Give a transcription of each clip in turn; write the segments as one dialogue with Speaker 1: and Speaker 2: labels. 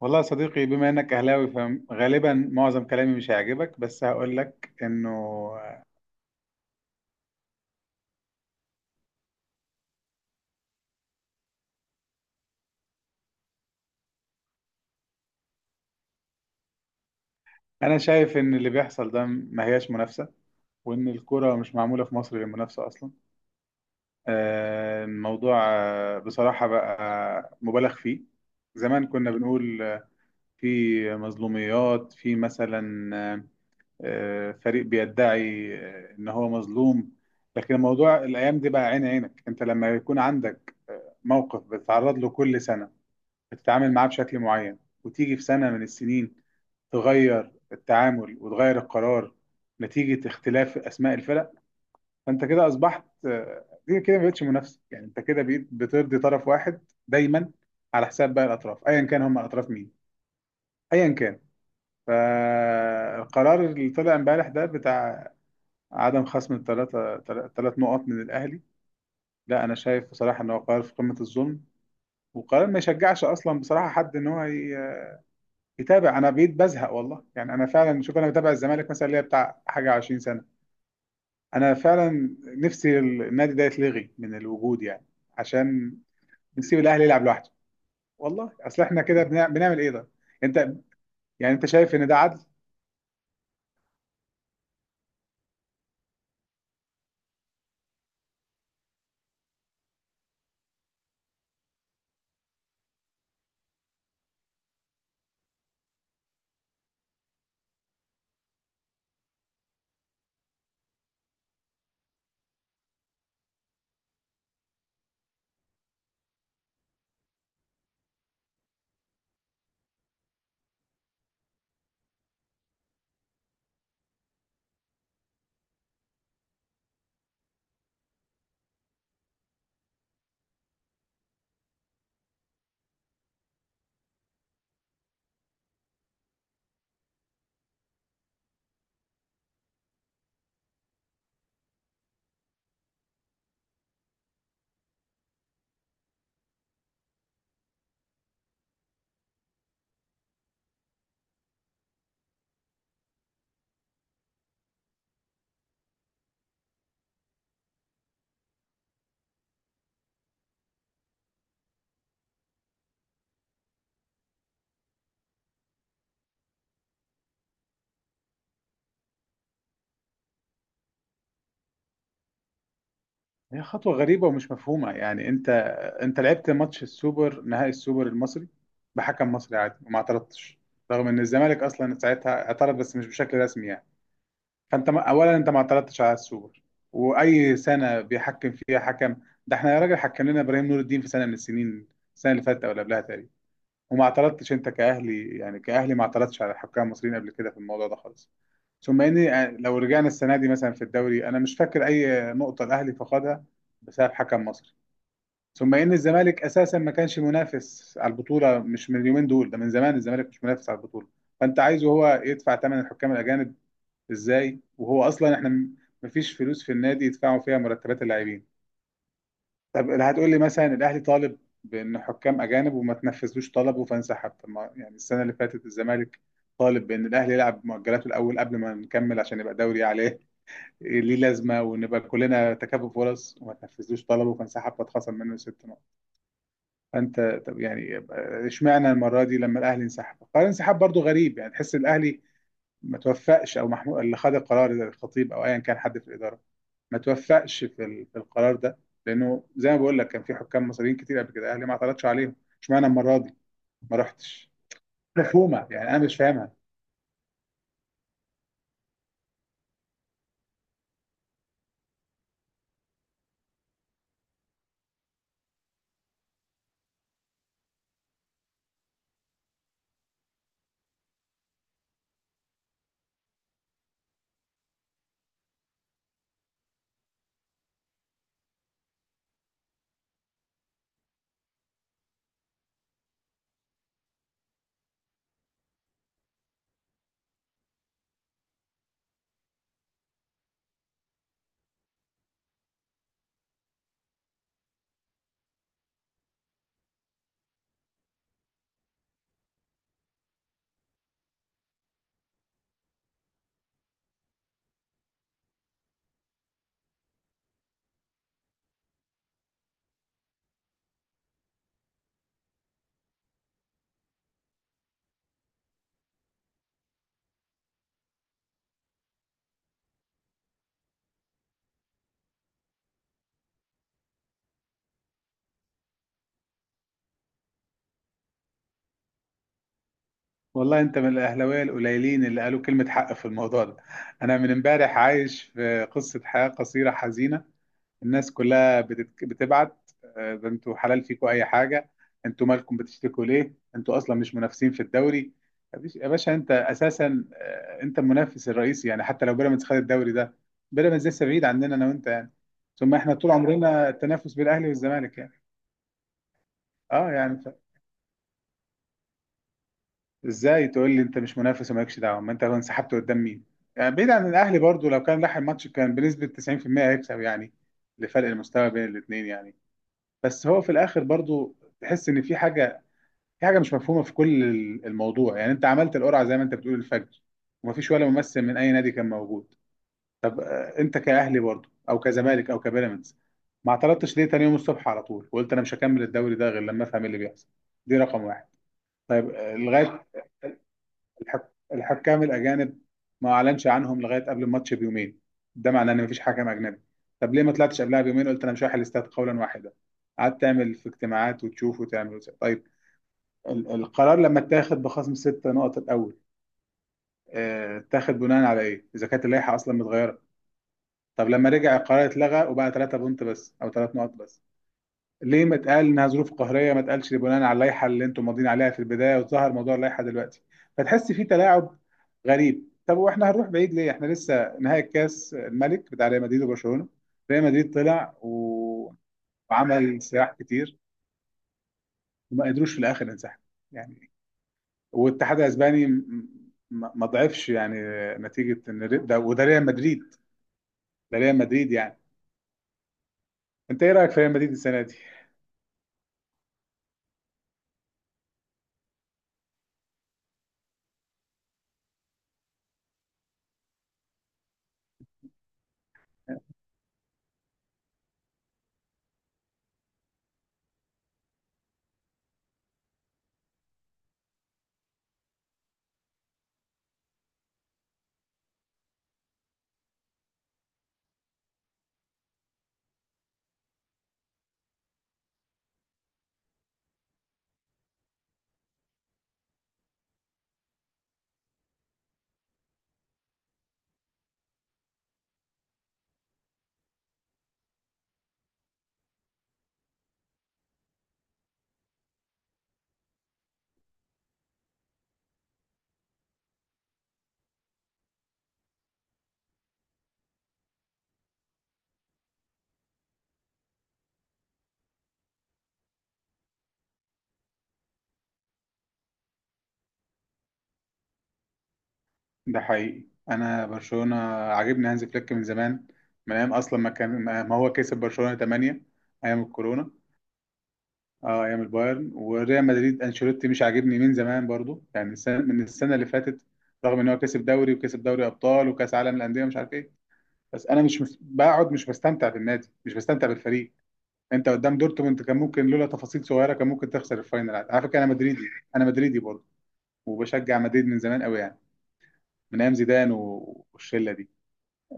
Speaker 1: والله يا صديقي، بما انك اهلاوي فغالبا معظم كلامي مش هيعجبك، بس هقول لك انه انا شايف ان اللي بيحصل ده ما هياش منافسة، وان الكرة مش معمولة في مصر للمنافسة اصلا. الموضوع بصراحة بقى مبالغ فيه. زمان كنا بنقول في مظلوميات، في مثلا فريق بيدعي ان هو مظلوم. لكن الموضوع الايام دي بقى عين عينك، انت لما يكون عندك موقف بتتعرض له كل سنة بتتعامل معاه بشكل معين، وتيجي في سنة من السنين تغير التعامل وتغير القرار نتيجة اختلاف أسماء الفرق. فأنت كده أصبحت دي كده ما بقتش منافسة، يعني أنت كده بقيت بترضي طرف واحد دايما على حساب باقي الأطراف، أيا كان هم الأطراف مين، أيا كان. فالقرار اللي طلع امبارح ده بتاع عدم خصم الثلاثة، ثلاث نقط من الأهلي، لا أنا شايف بصراحة إن هو قرار في قمة الظلم، وقرار ما يشجعش أصلا بصراحة حد إن هو يتابع. انا بقيت بزهق والله، يعني انا فعلا شوف، انا بتابع الزمالك مثلا ليا بتاع حاجه 20 سنه. انا فعلا نفسي النادي ده يتلغي من الوجود، يعني عشان نسيب الاهلي يلعب لوحده. والله اصل احنا كده بنعمل ايه ده؟ انت يعني، انت شايف ان ده عدل؟ هي خطوه غريبه ومش مفهومه، يعني انت انت لعبت ماتش السوبر، نهائي السوبر المصري بحكم مصري عادي وما اعترضتش، رغم ان الزمالك اصلا ساعتها اعترض بس مش بشكل رسمي يعني. فانت اولا انت ما اعترضتش على السوبر، واي سنه بيحكم فيها حكم. ده احنا يا راجل حكم لنا ابراهيم نور الدين في سنه من السنين، السنه اللي فاتت او اللي قبلها تقريبا، وما اعترضتش انت كاهلي، يعني كاهلي ما اعترضتش على الحكام المصريين قبل كده في الموضوع ده خالص. ثم اني لو رجعنا السنه دي مثلا في الدوري، انا مش فاكر اي نقطه الاهلي فقدها بسبب حكم مصري. ثم ان الزمالك اساسا ما كانش منافس على البطوله، مش من اليومين دول، ده من زمان الزمالك مش منافس على البطوله. فانت عايزه هو يدفع ثمن الحكام الاجانب ازاي وهو اصلا احنا مفيش فلوس في النادي يدفعوا فيها مرتبات اللاعبين؟ طب اللي هتقول لي مثلا الاهلي طالب بان حكام اجانب وما تنفذلوش طلبه فانسحب، طب ما يعني السنه اللي فاتت الزمالك طالب بان الاهلي يلعب مؤجلاته الاول قبل ما نكمل عشان يبقى دوري عليه إيه ليه لازمه، ونبقى كلنا تكافؤ فرص، وما تنفذلوش طلبه فانسحب فاتخصم منه ست نقط. فانت طب يعني اشمعنى المره دي لما الاهلي انسحب؟ قرار الانسحاب برضو غريب، يعني تحس الاهلي ما توفقش، او محمود اللي خد القرار زي الخطيب او ايا كان حد في الاداره ما توفقش في في القرار ده. لانه زي ما بقول لك كان في حكام مصريين كتير قبل كده اهلي ما اعترضش عليهم. اشمعنى المره دي ما رحتش؟ مفهومه، يعني انا مش فاهمها. والله انت من الاهلاويه القليلين اللي قالوا كلمه حق في الموضوع ده. انا من امبارح عايش في قصه حياه قصيره حزينه، الناس كلها بتبعت ده انتوا حلال فيكوا اي حاجه، انتوا مالكم بتشتكوا ليه، انتوا اصلا مش منافسين في الدوري. يا باشا انت اساسا انت المنافس الرئيسي، يعني حتى لو بيراميدز خد الدوري ده بيراميدز لسه بعيد عننا انا وانت يعني. ثم احنا طول عمرنا التنافس بين الاهلي والزمالك يعني. اه يعني ازاي تقول لي انت مش منافس ومالكش دعوه؟ ما انت انسحبت قدام مين؟ يعني بعيد عن الاهلي برضو لو كان لاحق ماتش كان بنسبه 90% هيكسب، يعني لفرق المستوى بين الاثنين يعني. بس هو في الاخر برضو تحس ان في حاجه، في حاجه مش مفهومه في كل الموضوع. يعني انت عملت القرعه زي ما انت بتقول الفجر، ومفيش ولا ممثل من اي نادي كان موجود. انت كاهلي برضو او كزمالك او كبيراميدز ما اعترضتش ليه تاني يوم الصبح على طول وقلت انا مش هكمل الدوري ده غير لما افهم إيه اللي بيحصل؟ دي رقم واحد. طيب لغايه الحكام الاجانب ما اعلنش عنهم لغايه قبل الماتش بيومين، ده معناه ان مفيش حكم اجنبي. طب ليه ما طلعتش قبلها بيومين قلت انا مش رايح الاستاد قولا واحدا؟ قعدت تعمل في اجتماعات وتشوف وتعمل وتعمل. طيب القرار لما اتاخد بخصم ست نقط الاول اتاخد بناء على ايه اذا كانت اللائحه اصلا متغيره؟ طب لما رجع القرار اتلغى وبقى ثلاثة بونت بس او ثلاث نقط بس، ليه ما اتقال انها ظروف قهريه؟ ما اتقالش بناء على اللائحه اللي انتم ماضيين عليها في البدايه وظهر موضوع اللائحه دلوقتي. فتحس في تلاعب غريب. طب واحنا هنروح بعيد ليه؟ احنا لسه نهائي الكاس الملك بتاع ريال مدريد وبرشلونه، ريال مدريد طلع وعمل صياح كتير وما قدروش في الاخر ينسحب، يعني. والاتحاد الاسباني ما ضعفش، يعني نتيجه ان ده وده ريال مدريد. ده ريال مدريد يعني. انت ايه رايك في ريال مدريد السنه دي؟ ده حقيقي انا برشلونه عاجبني، هانز فليك من زمان، من ايام اصلا ما كان ما هو كسب برشلونه 8، ايام الكورونا. اه ايام البايرن. وريال مدريد انشيلوتي مش عاجبني من زمان برضو، يعني السنه من السنه اللي فاتت، رغم ان هو كسب دوري وكسب دوري ابطال وكاس عالم الانديه مش عارف ايه. بس انا مش بقعد مش بستمتع بالنادي، مش بستمتع بالفريق. انت قدام دورتموند كان ممكن لولا تفاصيل صغيره كان ممكن تخسر الفاينل عادي. على فكره انا مدريدي، انا مدريدي برضو، وبشجع مدريد من زمان قوي يعني، من ايام زيدان والشله دي.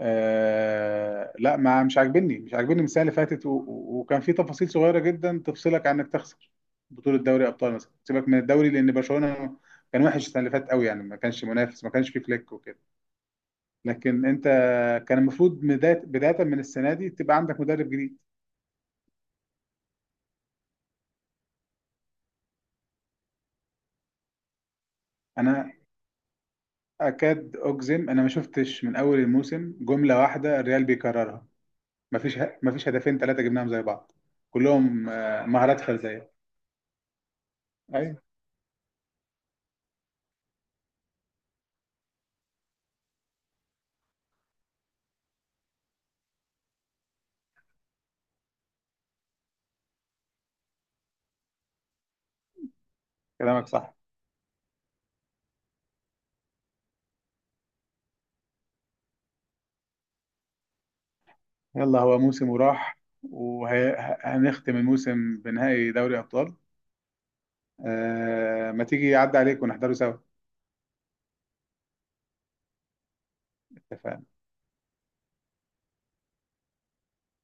Speaker 1: آه لا، ما مش عاجبني، مش عاجبني من السنه اللي فاتت وكان في تفاصيل صغيره جدا تفصلك عن انك تخسر بطوله دوري ابطال مثلا، سيبك من الدوري لان برشلونه كان وحش السنه اللي فاتت قوي، يعني ما كانش منافس ما كانش فيه فليك وكده. لكن انت كان المفروض بدايه بدايه من السنه دي تبقى عندك مدرب جديد. انا اكاد اجزم انا ما شفتش من اول الموسم جمله واحده الريال بيكررها. ما فيش ما فيش هدفين ثلاثه جبناهم زي بعض، كلهم مهارات فرديه. ايوه كلامك صح. يلا هو موسم وراح، وهنختم الموسم بنهائي دوري أبطال. آه ما تيجي يعدي عليك ونحضره سوا. اتفقنا.